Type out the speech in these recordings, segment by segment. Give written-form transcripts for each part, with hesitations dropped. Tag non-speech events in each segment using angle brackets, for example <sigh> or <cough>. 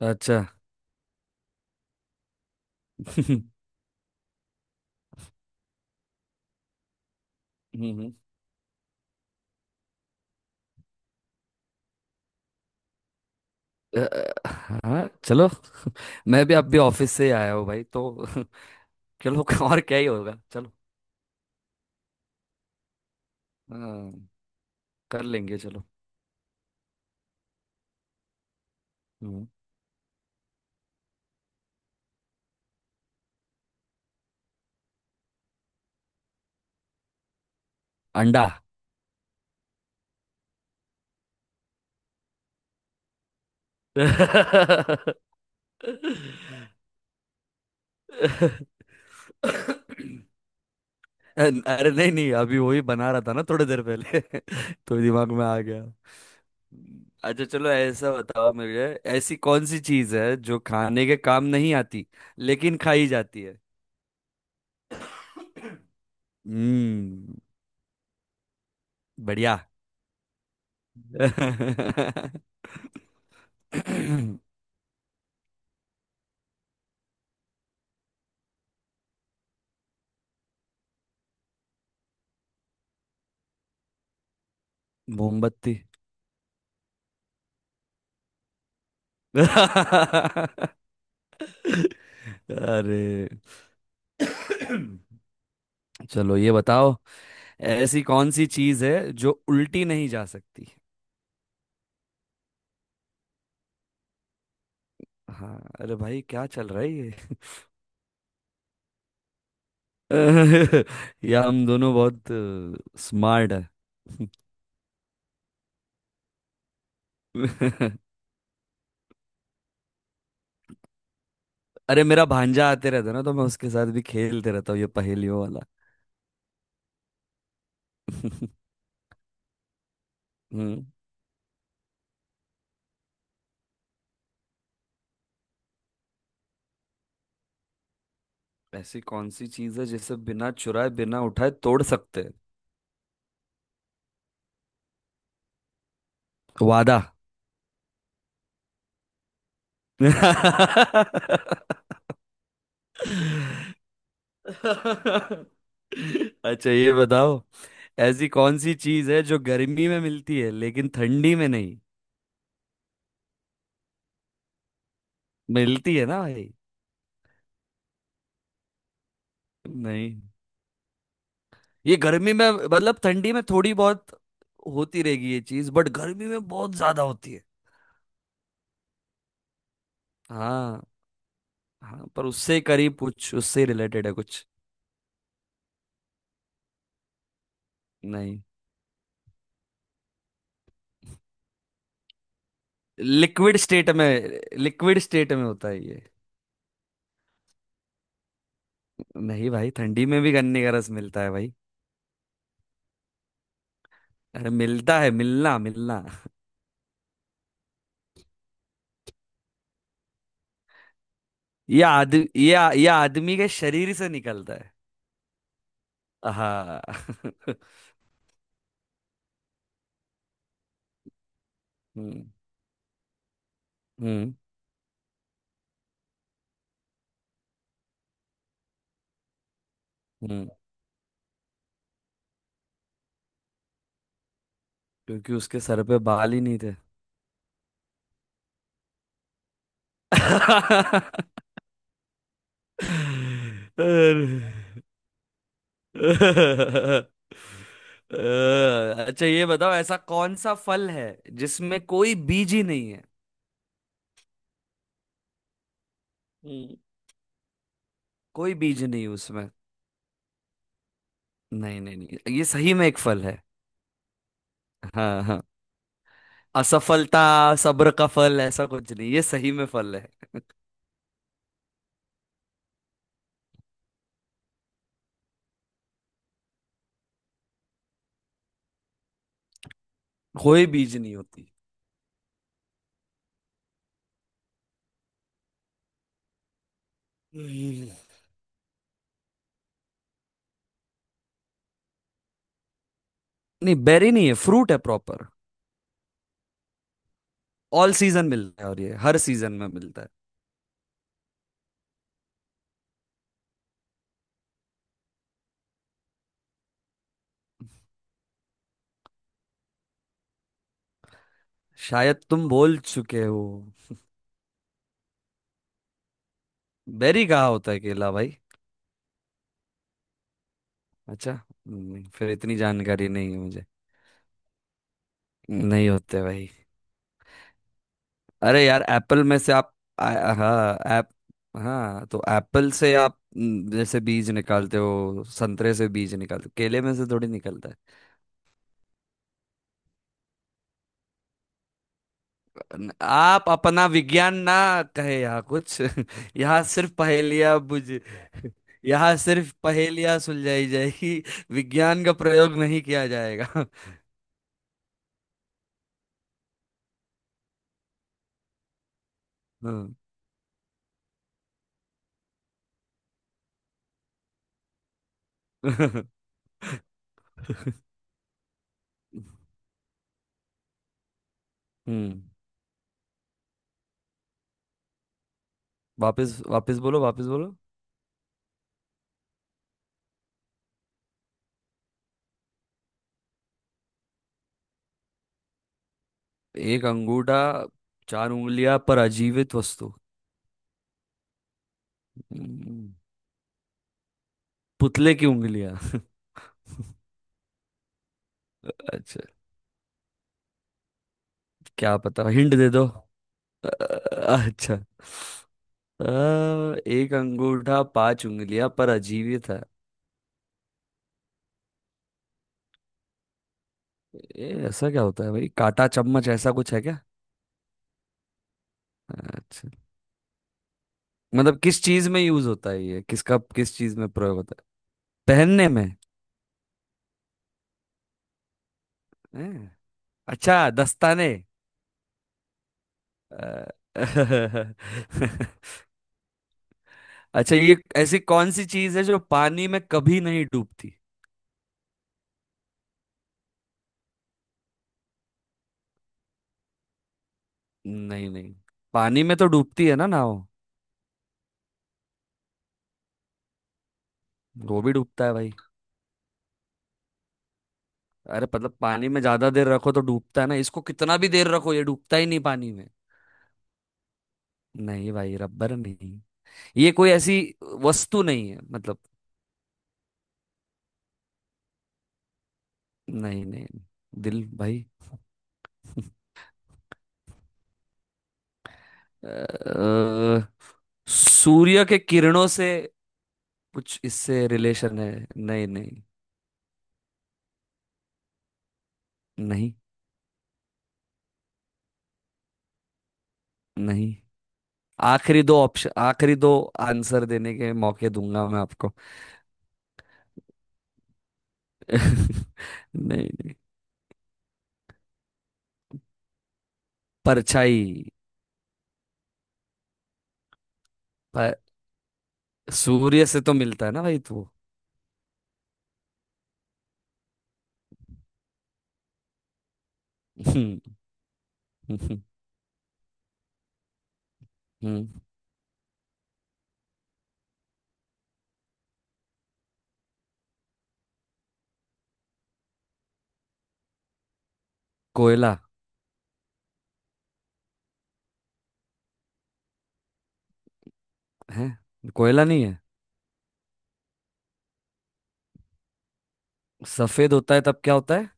अच्छा। <laughs> हम्म। अ, अ, हाँ चलो। <laughs> मैं भी अब भी ऑफिस से ही आया हूँ भाई तो। <laughs> चलो और क्या ही होगा चलो। हाँ, कर लेंगे चलो। हम्म, अंडा। <laughs> अरे नहीं नहीं अभी वही बना रहा था ना थोड़ी देर पहले <laughs> तो दिमाग में आ गया। अच्छा चलो ऐसा बताओ मुझे। ऐसी कौन सी चीज है जो खाने के काम नहीं आती लेकिन खाई जाती है। हम्म। बढ़िया। <laughs> मोमबत्ती। अरे। चलो ये बताओ। ऐसी कौन सी चीज है जो उल्टी नहीं जा सकती। हाँ। अरे भाई क्या चल रहा है ये। <laughs> या हम दोनों बहुत स्मार्ट है। <laughs> अरे मेरा भांजा आते रहता है ना तो मैं उसके साथ भी खेलते रहता हूँ ये पहेलियों वाला। <laughs> हम्म। ऐसी कौन सी चीज है जिसे बिना चुराए बिना उठाए तोड़ सकते हैं। वादा। <laughs> अच्छा ये बताओ। ऐसी कौन सी चीज है जो गर्मी में मिलती है लेकिन ठंडी में नहीं। मिलती है ना भाई। नहीं। ये गर्मी में मतलब ठंडी में थोड़ी बहुत होती रहेगी ये चीज बट गर्मी में बहुत ज्यादा होती है। हाँ। हाँ पर उससे करीब कुछ उससे रिलेटेड है कुछ। नहीं। लिक्विड स्टेट में। लिक्विड स्टेट में होता है ये। नहीं भाई ठंडी में भी गन्ने का रस मिलता है भाई। अरे मिलता है मिलना मिलना। ये आदमी के शरीर से निकलता है। हाँ। <laughs> हम्म हम्म हम्म। क्योंकि उसके सर पे बाल ही नहीं थे। <laughs> अरे। अ, अच्छा ये बताओ। ऐसा कौन सा फल है जिसमें कोई बीज ही नहीं है। हम्म। कोई बीज नहीं है उसमें। नहीं नहीं नहीं ये सही में एक फल है। हाँ हाँ। असफलता। सब्र का फल ऐसा कुछ नहीं ये सही में फल है। कोई बीज नहीं होती। हम्म। नहीं बेरी नहीं है फ्रूट है प्रॉपर। ऑल सीजन मिलता है और ये हर सीजन में मिलता है। शायद तुम बोल चुके हो। बेरी कहाँ होता है केला भाई। अच्छा फिर इतनी जानकारी नहीं है मुझे। नहीं होते भाई। अरे यार एप्पल में से आप हाँ ऐप। हाँ तो एप्पल से आप जैसे बीज निकालते हो संतरे से बीज निकालते हो केले में से थोड़ी निकलता है। आप अपना विज्ञान ना कहे यहाँ कुछ <laughs> यहाँ सिर्फ पहेलियां बुझ <laughs> यहाँ सिर्फ पहेलियां सुलझाई जाएगी। विज्ञान का प्रयोग नहीं किया जाएगा। <laughs> हम्म। <laughs> हम्म, वापिस वापिस बोलो वापिस बोलो। एक अंगूठा चार उंगलियां पर अजीवित वस्तु। हम्म, पुतले की उंगलियां। <laughs> अच्छा। क्या पता हिंट दे दो। <laughs> अ, अच्छा। अ, एक अंगूठा पांच उंगलियां पर अजीवित है। ये ऐसा क्या होता है भाई कांटा चम्मच ऐसा कुछ है क्या। अच्छा। मतलब किस चीज में यूज होता है ये किस चीज में प्रयोग होता है। पहनने में। हैं? अच्छा दस्ताने। अ, <laughs> अच्छा ये ऐसी कौन सी चीज है जो पानी में कभी नहीं डूबती। नहीं नहीं। पानी में तो डूबती है ना नाव। वो भी डूबता है भाई। अरे मतलब पानी में ज्यादा देर रखो तो डूबता है ना इसको कितना भी देर रखो ये डूबता ही नहीं पानी में। नहीं भाई रबर नहीं। ये कोई ऐसी वस्तु नहीं है मतलब। नहीं नहीं दिल भाई। अ, सूर्य के किरणों से कुछ इससे रिलेशन है। नहीं नहीं। नहीं। नहीं। आखिरी दो ऑप्शन आखिरी दो। आंसर देने के मौके दूंगा मैं आपको। <laughs> नहीं। नहीं। परछाई। पर सूर्य से तो मिलता है ना भाई तो। हम्म। हम्म, हम्म, <laughs> कोयला है। कोयला नहीं है। सफेद होता है तब क्या होता है।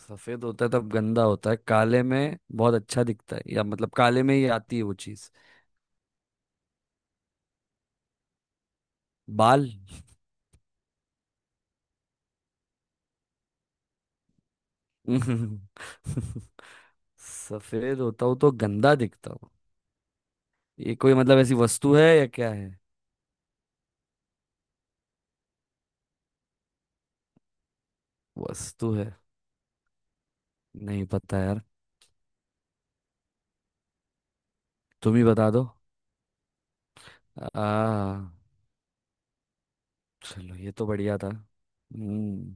सफेद होता है तब गंदा होता है काले में बहुत अच्छा दिखता है या मतलब काले में ही आती है वो चीज। बाल। <laughs> सफेद होता हूँ तो गंदा दिखता हूँ। ये कोई मतलब ऐसी वस्तु है या क्या है। वस्तु है। नहीं पता यार। तुम ही बता दो। आ। चलो ये तो बढ़िया था। हम्म।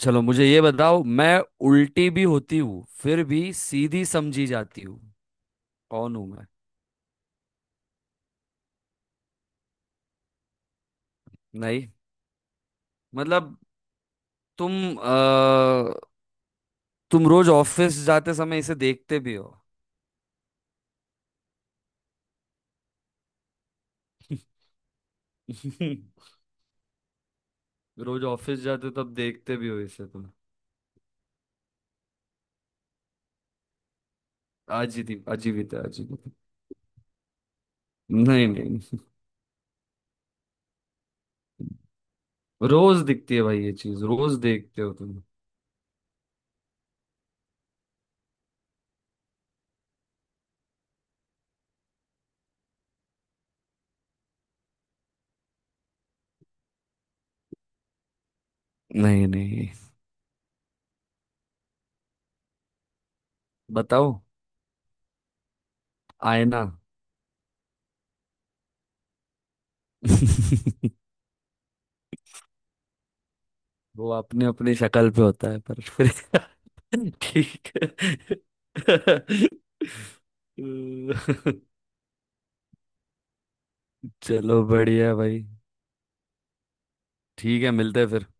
चलो मुझे ये बताओ। मैं उल्टी भी होती हूँ फिर भी सीधी समझी जाती हूँ। कौन हूँ मैं। नहीं। मतलब तुम तुम रोज ऑफिस जाते समय इसे देखते भी हो। <laughs> रोज ऑफिस जाते हो तब देखते भी हो इसे तुम। अजीब अजीवित है अजीवित। नहीं नहीं। रोज दिखती है भाई ये चीज रोज देखते हो तुम। नहीं नहीं। बताओ। आईना। <laughs> वो अपने अपने शक्ल पे होता है पर फिर <laughs> ठीक है। <laughs> चलो बढ़िया भाई। ठीक है मिलते हैं फिर।